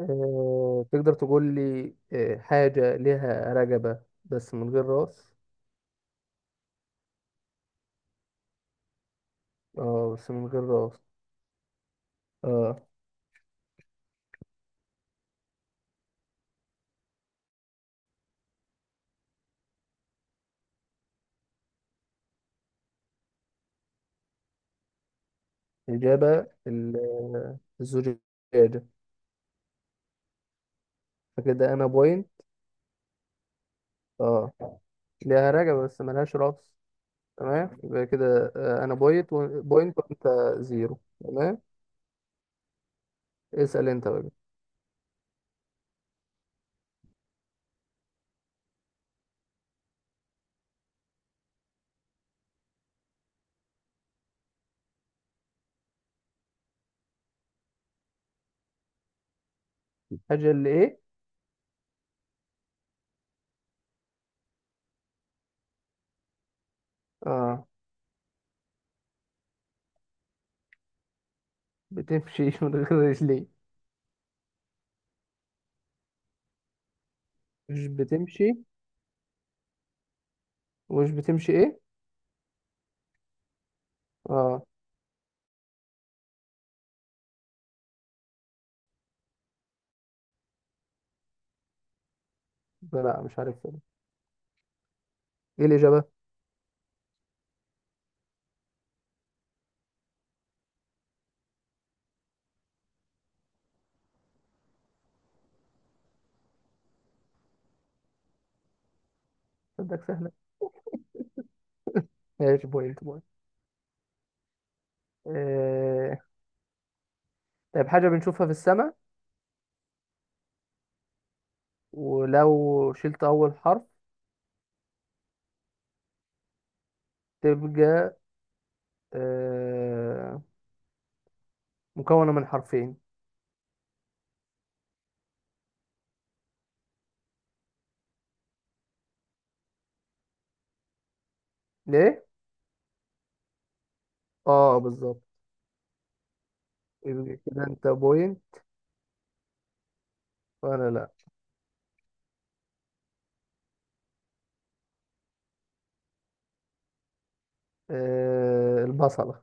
تقدر تقول لي، حاجة لها رقبة بس من غير راس. اه، بس من غير راس. اه. إجابة الزجاجة. فكده أنا بوينت. اه. لها رقبة بس ملهاش راس. تمام، يبقى كده أنا بوينت و... بوينت وأنت زيرو. تمام. اسأل أنت بقى. الحاجة اللي إيه؟ اه، بتمشي من غير رجلين. مش بتمشي؟ ومش بتمشي إيه؟ اه. لا، مش عارف إيه الإجابة. صدق سهل. ماشي، بوينت بوينت. آه... طيب، حاجة بنشوفها في السماء، ولو شلت أول حرف تبقى آه... مكونة من حرفين. ليه؟ اه، بالظبط. يبقى كده انت بوينت وأنا لأ. البصلة.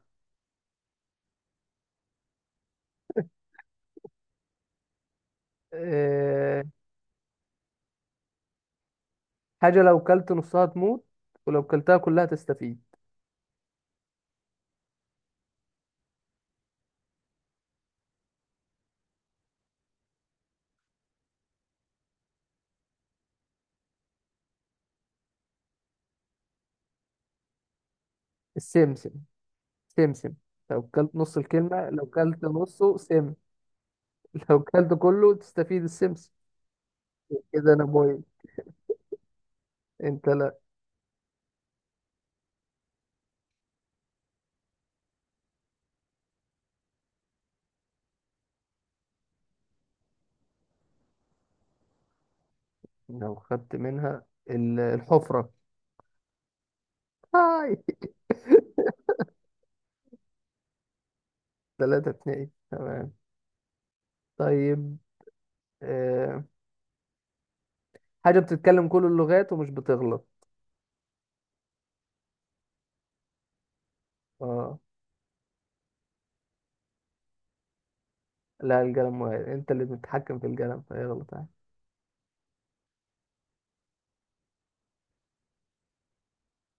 آه... حاجة لو كلت نصها تموت ولو كلتها كلها تستفيد. السمسم. سمسم. لو كلت نص الكلمة، لو كلت نصه سم. لو كلت كله تستفيد، السمسم. كده أنا بوينت، انت لأ. لو خدت منها الحفرة. هاي. ثلاثة اتنين. تمام. طيب، آه. حاجة بتتكلم كل اللغات ومش بتغلط. اه. لا، القلم مغير، انت اللي بتتحكم في القلم فيغلط عادي.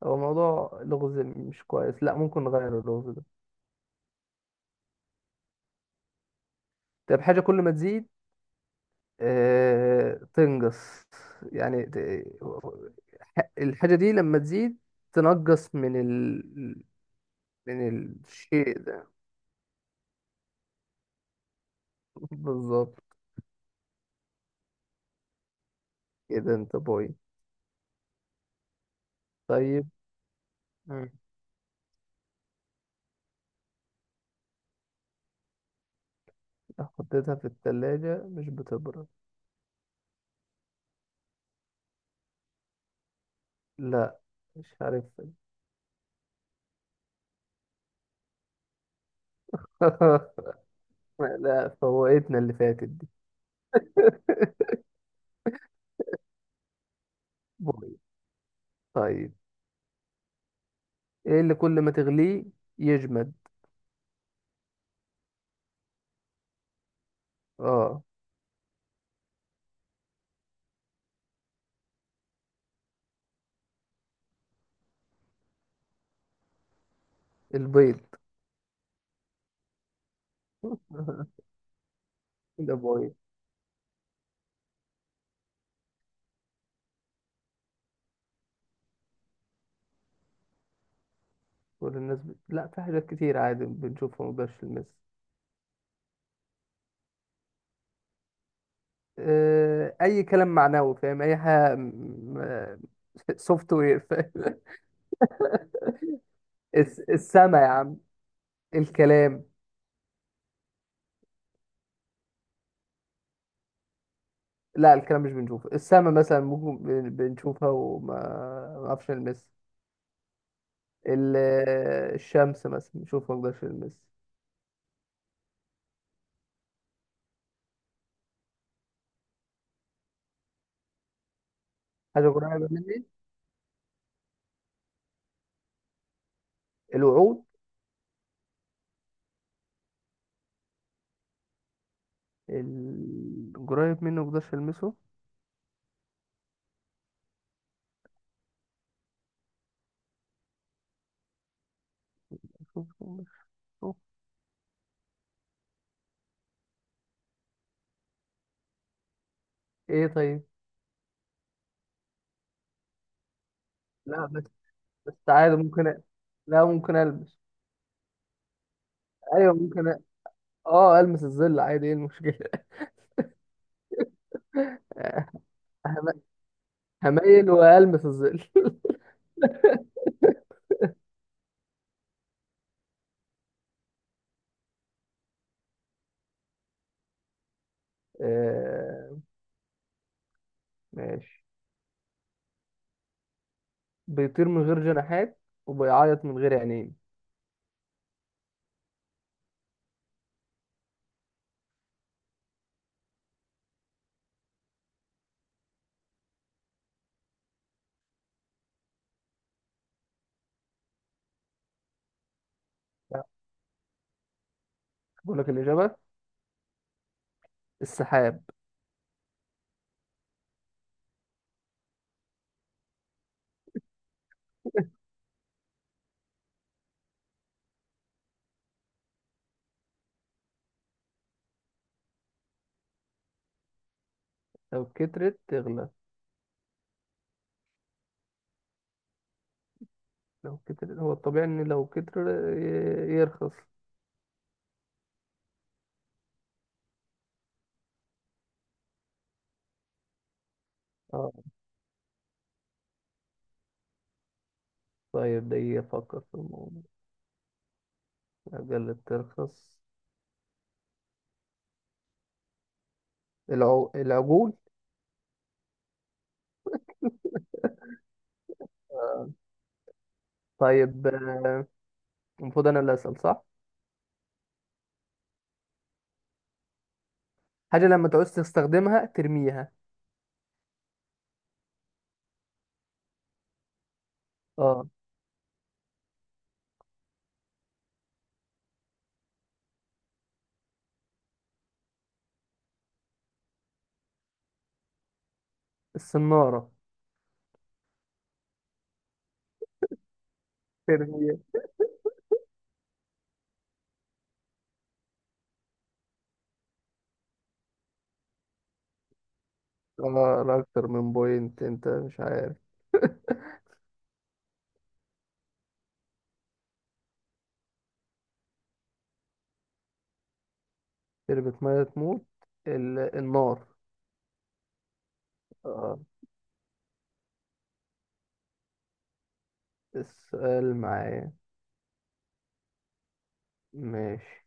هو موضوع لغز مش كويس، لا، ممكن نغير اللغز ده. طيب، حاجة كل ما تزيد تنقص. يعني الحاجة دي لما تزيد تنقص من من الشيء ده. بالظبط. كده انت بوي. طيب، حطيتها في التلاجة مش بتبرد. لا، مش عارف. لا، فوقتنا اللي فاتت دي. بيض. طيب. ايه اللي كل ما تغليه يجمد؟ اه، البيض. ده بيض. كل الناس لا، في حاجات كتير عادي بنشوفها مبقاش نلمسها. اي كلام معنوي، فاهم؟ اي حاجه سوفت وير، فاهم؟ السما يا عم، الكلام. لا، الكلام مش بنشوفه، السما مثلا ممكن بنشوفها، وما ما نعرفش نلمسها. ال- الشمس مثلا نشوف، ما اقدرش المس. حاجه قريبه مني. الوعود. قريب مني ما اقدرش المسه. شوف- شوف- شوف. ايه طيب. لا بس، بس عادي ممكن لا، ممكن البس. ايوه، ممكن اه، المس الظل عادي، ايه المشكله؟ هم- هميل والمس الظل. آه، ماشي. بيطير من غير جناحات وبيعيط من غير عينين. بقول لك الاجابه، السحاب. لو كترت تغلى. لو كتر، هو الطبيعي ان لو كتر يرخص. اه. طيب، ده يفكر في الموضوع. قلت ترخص، العجول. آه، طيب. المفروض انا اللي اسال، صح؟ حاجه لما تعوز تستخدمها ترميها. اه، الصناره. ترميها. اه، لا، اكتر من بوينت انت مش عارف. شربت ميه تموت. النار. اه. السؤال معايا، ماشي.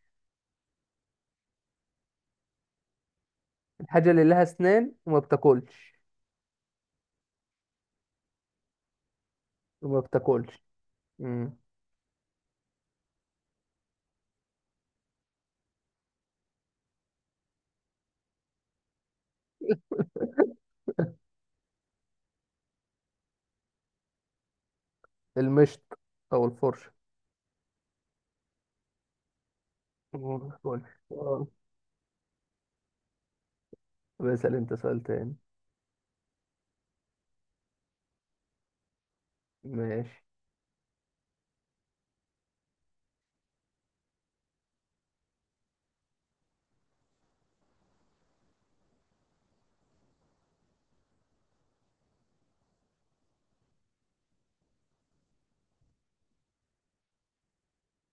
الحاجه اللي لها اسنان وما بتاكلش. وما بتاكلش. مم. المشط او الفرشه. آه. بسأل انت سؤال تاني. ماشي.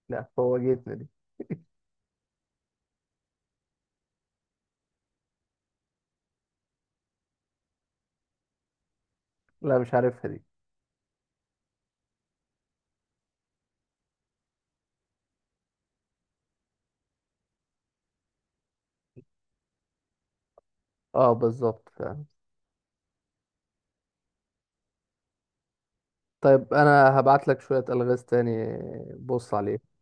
لا، فوجئتني دي. لا، مش عارفها دي. اه، بالظبط فعلا. طيب، انا هبعت لك شوية الغاز تاني. بص عليهم.